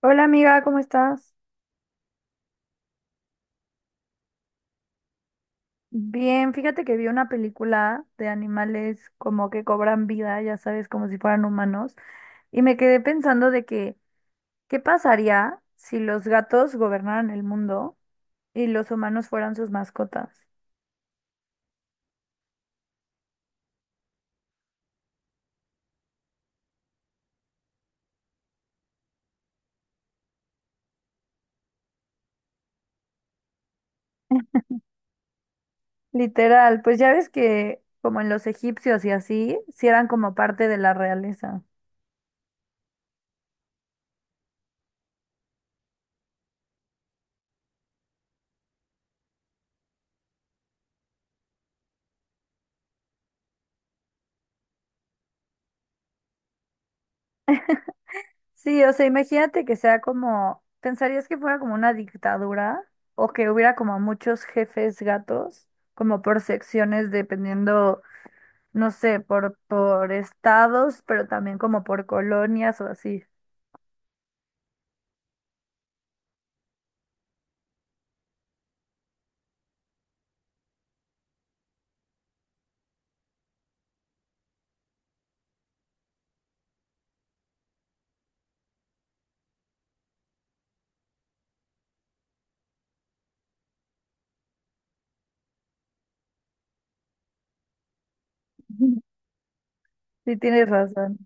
Hola amiga, ¿cómo estás? Bien, fíjate que vi una película de animales como que cobran vida, ya sabes, como si fueran humanos, y me quedé pensando de que, ¿qué pasaría si los gatos gobernaran el mundo y los humanos fueran sus mascotas? Literal, pues ya ves que como en los egipcios y así, si eran como parte de la realeza. Sí, o sea, imagínate que sea como, ¿pensarías que fuera como una dictadura o que hubiera como muchos jefes gatos, como por secciones dependiendo, no sé, por estados, pero también como por colonias o así? Ujú. Sí, tienes razón.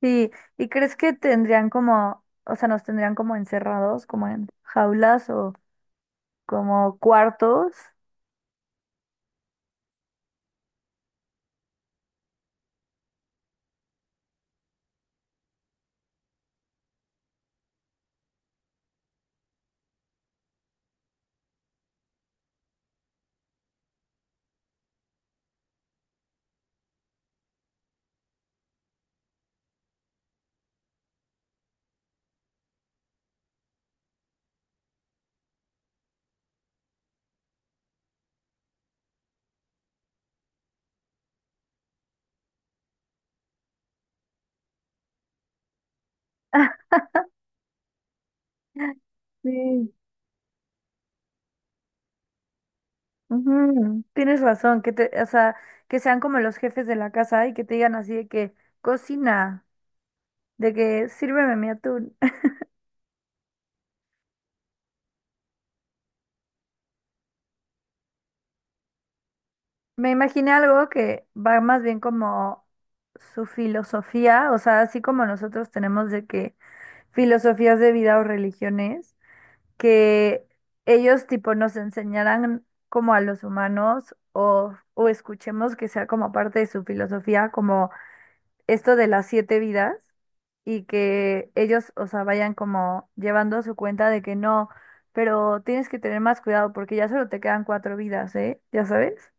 Sí, ¿y crees que tendrían como, o sea, nos tendrían como encerrados, como en jaulas o como cuartos? Sí. Ujú, tienes razón, que te, o sea, que sean como los jefes de la casa y que te digan así de que cocina, de que sírveme mi atún. Me imaginé algo que va más bien como su filosofía, o sea, así como nosotros tenemos de que filosofías de vida o religiones, que ellos tipo nos enseñaran como a los humanos o escuchemos que sea como parte de su filosofía, como esto de las siete vidas y que ellos, o sea, vayan como llevando su cuenta de que no, pero tienes que tener más cuidado porque ya solo te quedan cuatro vidas, ¿eh? ¿Ya sabes?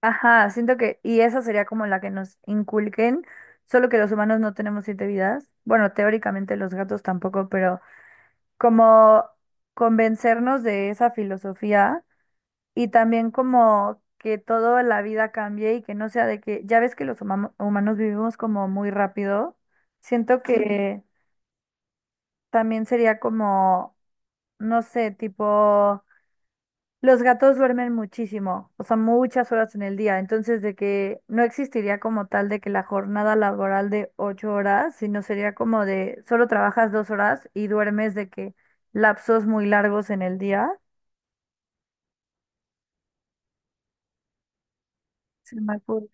Ajá, siento que, y esa sería como la que nos inculquen, solo que los humanos no tenemos siete vidas. Bueno, teóricamente los gatos tampoco, pero como convencernos de esa filosofía y también como que toda la vida cambie y que no sea de que, ya ves que los humanos vivimos como muy rápido, siento, sí, que también sería como, no sé, tipo, los gatos duermen muchísimo, o sea, muchas horas en el día, entonces de que no existiría como tal de que la jornada laboral de 8 horas, sino sería como de, solo trabajas 2 horas y duermes de que lapsos muy largos en el día. Se me ocurre.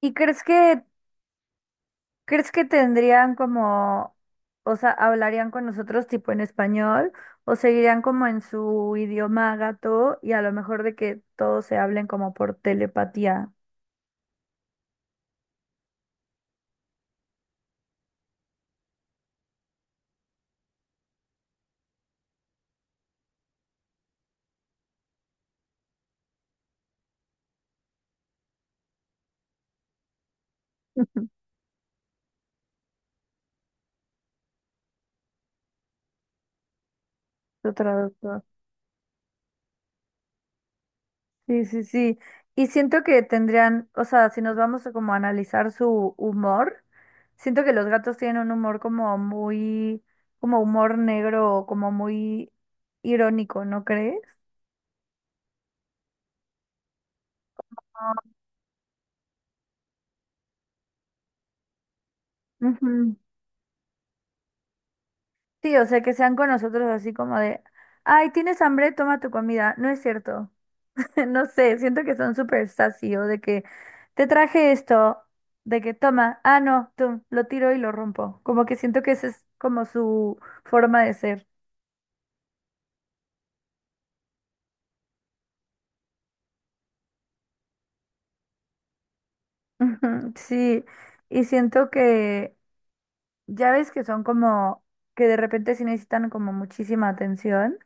¿Y crees que ¿Crees que tendrían como, o sea, hablarían con nosotros tipo en español o seguirían como en su idioma gato y a lo mejor de que todos se hablen como por telepatía? Su traductor. Sí, sí, sí. Y siento que tendrían, o sea, si nos vamos a como analizar su humor, siento que los gatos tienen un humor como muy, como humor negro, como muy irónico, ¿no crees? Ujú. Sí, o sea, que sean con nosotros así como de, ay, ¿tienes hambre? Toma tu comida. No es cierto. No sé, siento que son súper sassy o de que te traje esto, de que toma, ah, no, tú, lo tiro y lo rompo. Como que siento que esa es como su forma de ser. Ujú, sí, y siento que ya ves que son como que de repente sí necesitan como muchísima atención.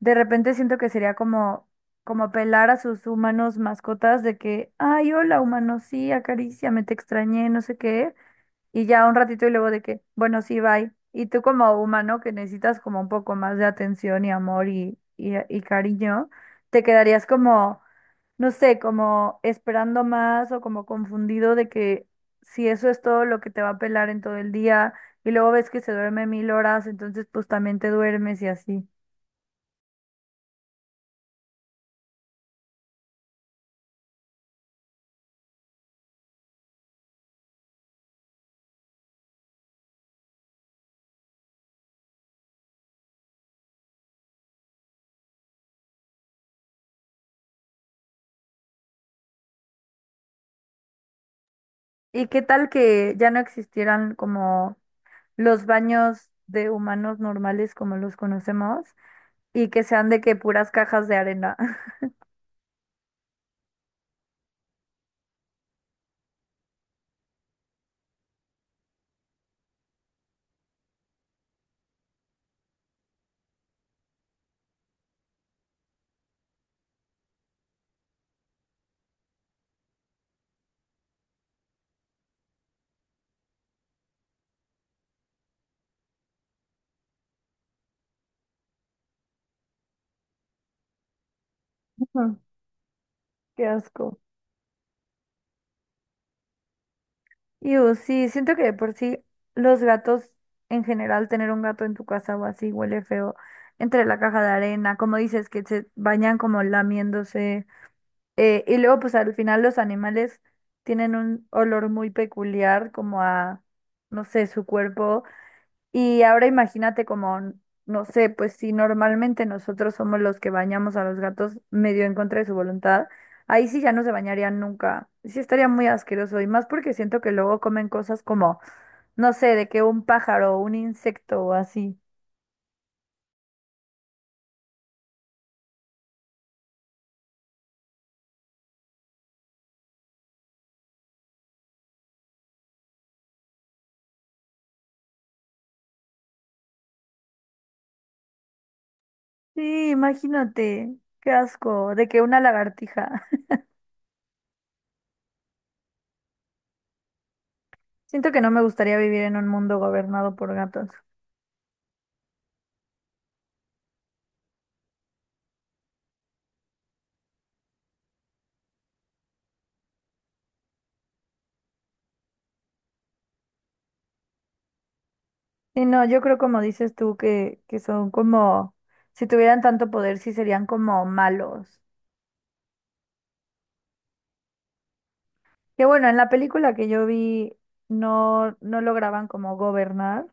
De repente siento que sería como, como apelar a sus humanos mascotas de que, ay, hola, humano, sí, acaríciame, te extrañé, no sé qué. Y ya un ratito y luego de que, bueno, sí, bye. Y tú como humano que necesitas como un poco más de atención y amor y cariño, te quedarías como, no sé, como esperando más o como confundido de que si eso es todo lo que te va a apelar en todo el día y luego ves que se duerme 1.000 horas, entonces pues también te duermes y así. ¿Y qué tal que ya no existieran como los baños de humanos normales como los conocemos y que sean de que puras cajas de arena? Ujú, qué asco. Y sí, siento que de por sí los gatos en general, tener un gato en tu casa o así huele feo. Entre la caja de arena, como dices, que se bañan como lamiéndose. Y luego, pues al final los animales tienen un olor muy peculiar como a, no sé, su cuerpo. Y ahora imagínate como, no sé, pues si normalmente nosotros somos los que bañamos a los gatos medio en contra de su voluntad, ahí sí ya no se bañarían nunca. Sí estaría muy asqueroso y más porque siento que luego comen cosas como, no sé, de que un pájaro o un insecto o así. Sí, imagínate, qué asco, de que una lagartija. Siento que no me gustaría vivir en un mundo gobernado por gatos. Y no, yo creo como dices tú que son como, si tuvieran tanto poder, sí serían como malos. Que bueno, en la película que yo vi no lograban como gobernar,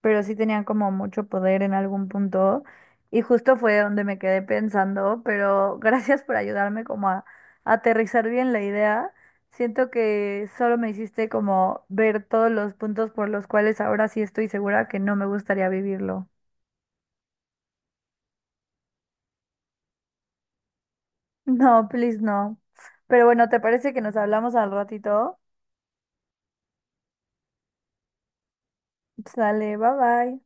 pero sí tenían como mucho poder en algún punto. Y justo fue donde me quedé pensando, pero gracias por ayudarme como a aterrizar bien la idea. Siento que solo me hiciste como ver todos los puntos por los cuales ahora sí estoy segura que no me gustaría vivirlo. No, please no. Pero bueno, ¿te parece que nos hablamos al ratito? Sale, bye bye.